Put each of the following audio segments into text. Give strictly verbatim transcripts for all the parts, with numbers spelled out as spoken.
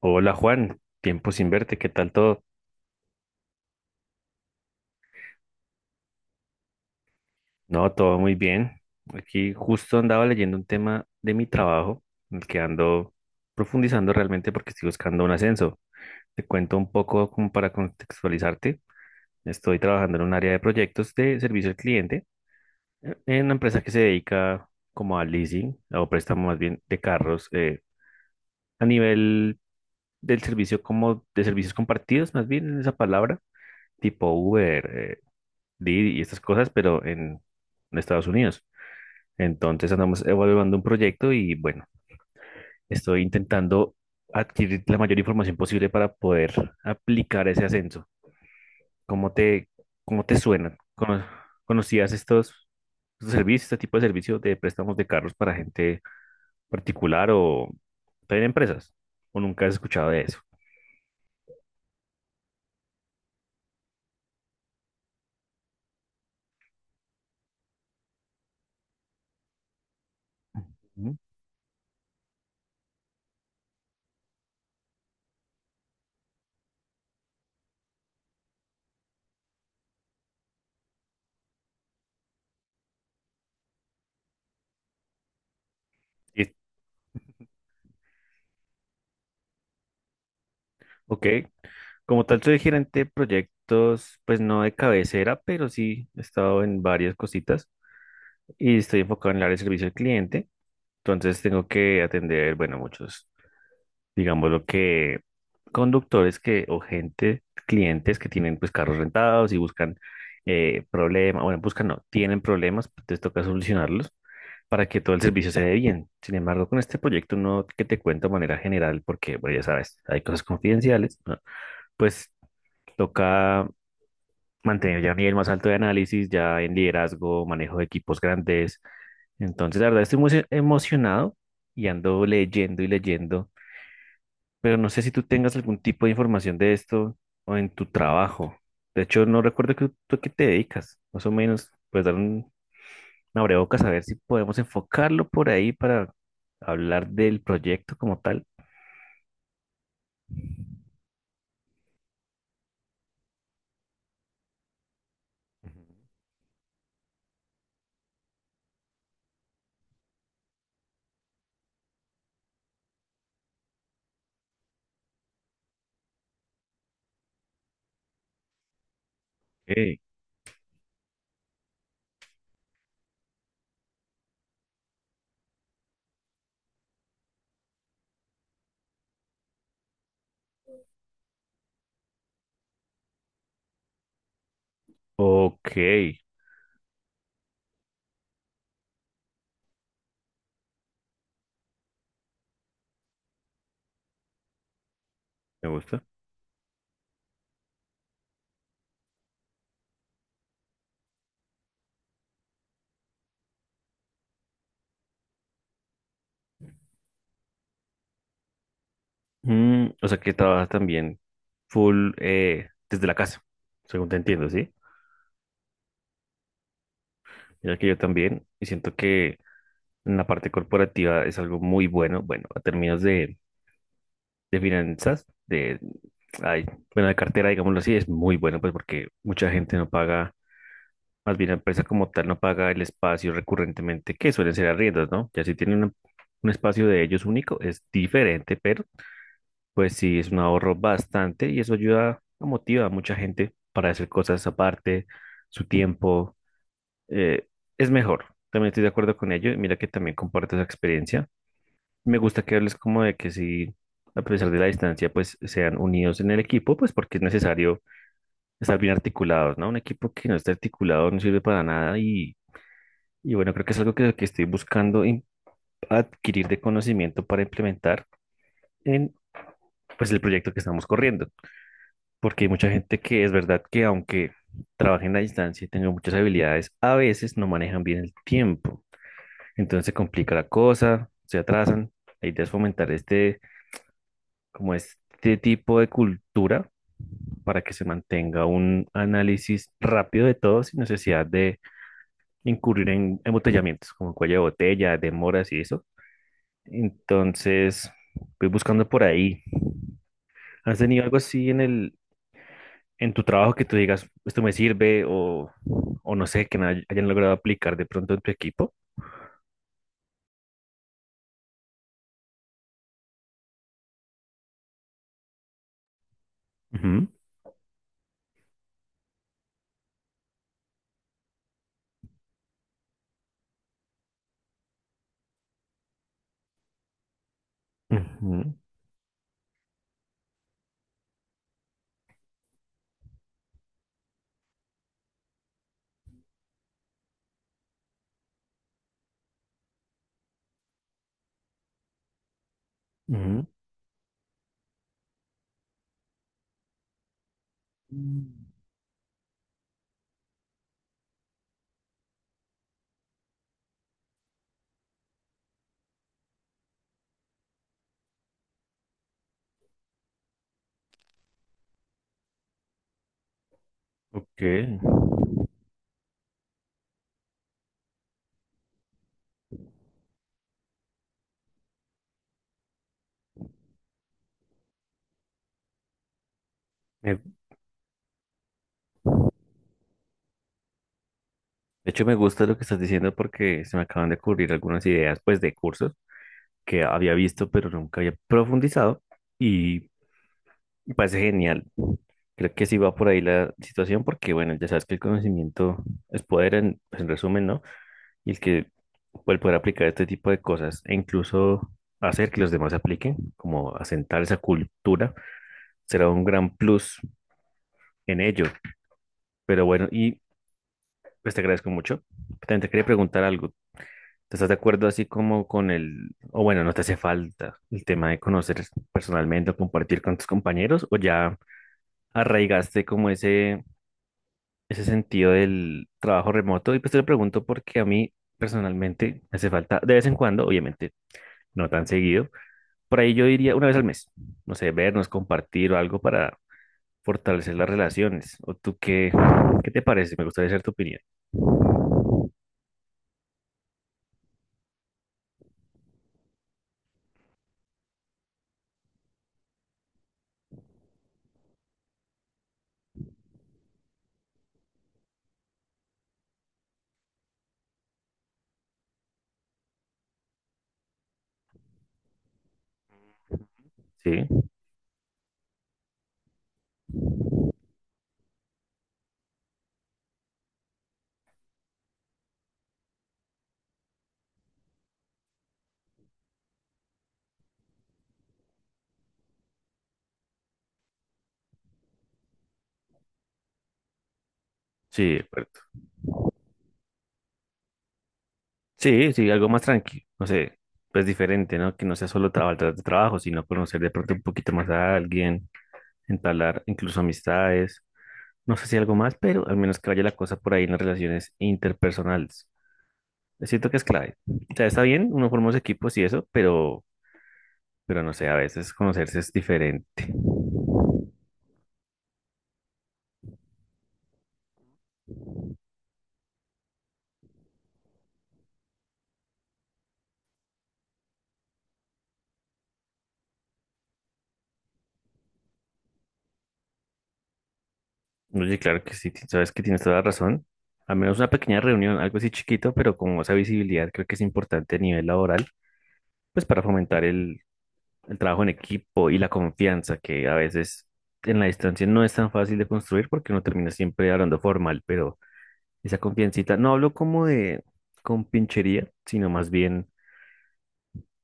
Hola Juan, tiempo sin verte, ¿qué tal todo? No, todo muy bien. Aquí justo andaba leyendo un tema de mi trabajo, en el que ando profundizando realmente porque estoy buscando un ascenso. Te cuento un poco como para contextualizarte. Estoy trabajando en un área de proyectos de servicio al cliente, eh, en una empresa que se dedica como al leasing o préstamo más bien de carros, eh, a nivel del servicio como de servicios compartidos, más bien en esa palabra, tipo Uber, eh, Didi y estas cosas, pero en, en Estados Unidos. Entonces andamos evaluando un proyecto y bueno, estoy intentando adquirir la mayor información posible para poder aplicar ese ascenso. ¿Cómo te, ¿Cómo te suena? ¿Cono- ¿Conocías estos, estos servicios, este tipo de servicios de préstamos de carros para gente particular o también empresas? ¿O nunca has escuchado de eso? Ujú. Y- Ok. Como tal, soy gerente de proyectos, pues no de cabecera, pero sí he estado en varias cositas y estoy enfocado en el área de servicio al cliente. Entonces tengo que atender, bueno, muchos, digamos lo que conductores que o gente, clientes que tienen pues carros rentados y buscan, eh, problemas, bueno, buscan no, tienen problemas, pues, les toca solucionarlos para que todo el servicio se dé bien. Sin embargo, con este proyecto no que te cuento de manera general, porque bueno, ya sabes, hay cosas confidenciales, ¿no? Pues toca mantener ya un nivel más alto de análisis, ya en liderazgo, manejo de equipos grandes. Entonces, la verdad, estoy muy emocionado y ando leyendo y leyendo, pero no sé si tú tengas algún tipo de información de esto o en tu trabajo. De hecho, no recuerdo que, tú a qué te dedicas, más o menos, pues dar un, una abrebocas a ver si podemos enfocarlo por ahí para hablar del proyecto como tal. Ujú. Ok, ok, me gusta. Mm, o sea que trabajas también full, eh, desde la casa, según te entiendo, ¿sí? Mira que yo también, y siento que en la parte corporativa es algo muy bueno, bueno, a términos de, de finanzas, de, ay, bueno, de cartera, digámoslo así, es muy bueno, pues porque mucha gente no paga, más bien la empresa como tal no paga el espacio recurrentemente, que suelen ser arriendos, ¿no? Ya si tienen un, un espacio de ellos único, es diferente, pero pues sí, es un ahorro bastante y eso ayuda, a motiva a mucha gente para hacer cosas aparte, su tiempo. eh, es mejor, también estoy de acuerdo con ello. Y mira que también comparto esa experiencia. Me gusta que hables como de que si, a pesar de la distancia, pues sean unidos en el equipo, pues porque es necesario estar bien articulados, ¿no? Un equipo que no esté articulado no sirve para nada y, y bueno, creo que es algo que, que estoy buscando im- adquirir de conocimiento para implementar en pues el proyecto que estamos corriendo. Porque hay mucha gente que es verdad que aunque trabajen a distancia y tengan muchas habilidades, a veces no manejan bien el tiempo. Entonces se complica la cosa, se atrasan. La idea es fomentar este, como este tipo de cultura para que se mantenga un análisis rápido de todo sin necesidad de incurrir en embotellamientos, como cuello de botella, demoras y eso. Entonces, voy buscando por ahí. ¿Has tenido algo así en el, en tu trabajo que tú digas, esto me sirve o, o no sé, que no hay- hayan logrado aplicar de pronto en tu equipo? Ujú. Ujú, ujú. Mm. Ok. Me- de hecho, me gusta lo que estás diciendo porque se me acaban de ocurrir algunas ideas, pues, de cursos que había visto, pero nunca había profundizado y me parece genial. Creo que sí va por ahí la situación porque, bueno, ya sabes que el conocimiento es poder en, pues, en resumen, ¿no? y el que el poder aplicar este tipo de cosas e incluso hacer que los demás apliquen, como asentar esa cultura, será un gran plus en ello. Pero bueno, y pues te agradezco mucho. También te quería preguntar algo. ¿Te estás de acuerdo así como con el, o bueno, no te hace falta el tema de conocer personalmente o compartir con tus compañeros o ya arraigaste como ese, ese sentido del trabajo remoto? Y pues te lo pregunto porque a mí personalmente me hace falta de vez en cuando, obviamente no tan seguido, por ahí yo diría una vez al mes, no sé, vernos, compartir o algo para fortalecer las relaciones. ¿O tú qué, qué te parece? Me gustaría saber tu opinión. Sí, sí, de acuerdo. Sí, sí, algo más tranquilo, no sé, pues diferente, ¿no? Que no sea solo trabajar tras de trabajo, sino conocer de pronto un poquito más a alguien, entablar incluso amistades, no sé si algo más, pero al menos que vaya la cosa por ahí en las relaciones interpersonales. Siento que es clave. O sea, está bien, uno forma los equipos y eso, pero, pero no sé, a veces conocerse es diferente. Oye, claro que sí, ti- sabes que tienes toda la razón. Al menos una pequeña reunión, algo así chiquito, pero con esa visibilidad creo que es importante a nivel laboral, pues para fomentar el, el trabajo en equipo y la confianza, que a veces en la distancia no es tan fácil de construir porque uno termina siempre hablando formal, pero esa confiancita, no hablo como de compinchería, sino más bien,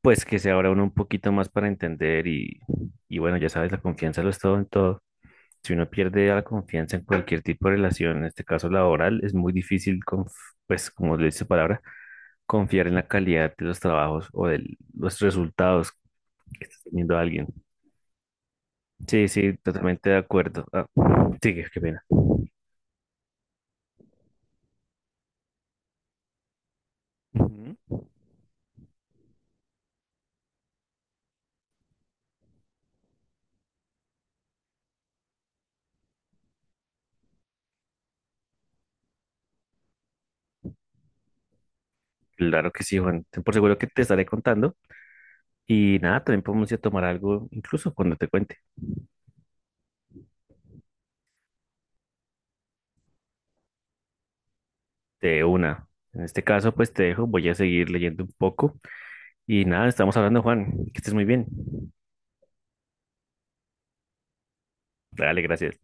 pues que se abra uno un poquito más para entender y, y bueno, ya sabes, la confianza lo es todo en todo. Si uno pierde la confianza en cualquier tipo de relación, en este caso laboral, es muy difícil, conf- pues como le dice su palabra, confiar en la calidad de los trabajos o de los resultados que está teniendo alguien. Sí, sí, totalmente de acuerdo. Ah, sigue, qué pena. Ujú. Claro que sí, Juan. Ten por seguro que te estaré contando. Y nada, también podemos ir a tomar algo, incluso cuando te cuente, de una. En este caso, pues te dejo, voy a seguir leyendo un poco. Y nada, estamos hablando, Juan. Que estés muy bien. Dale, gracias.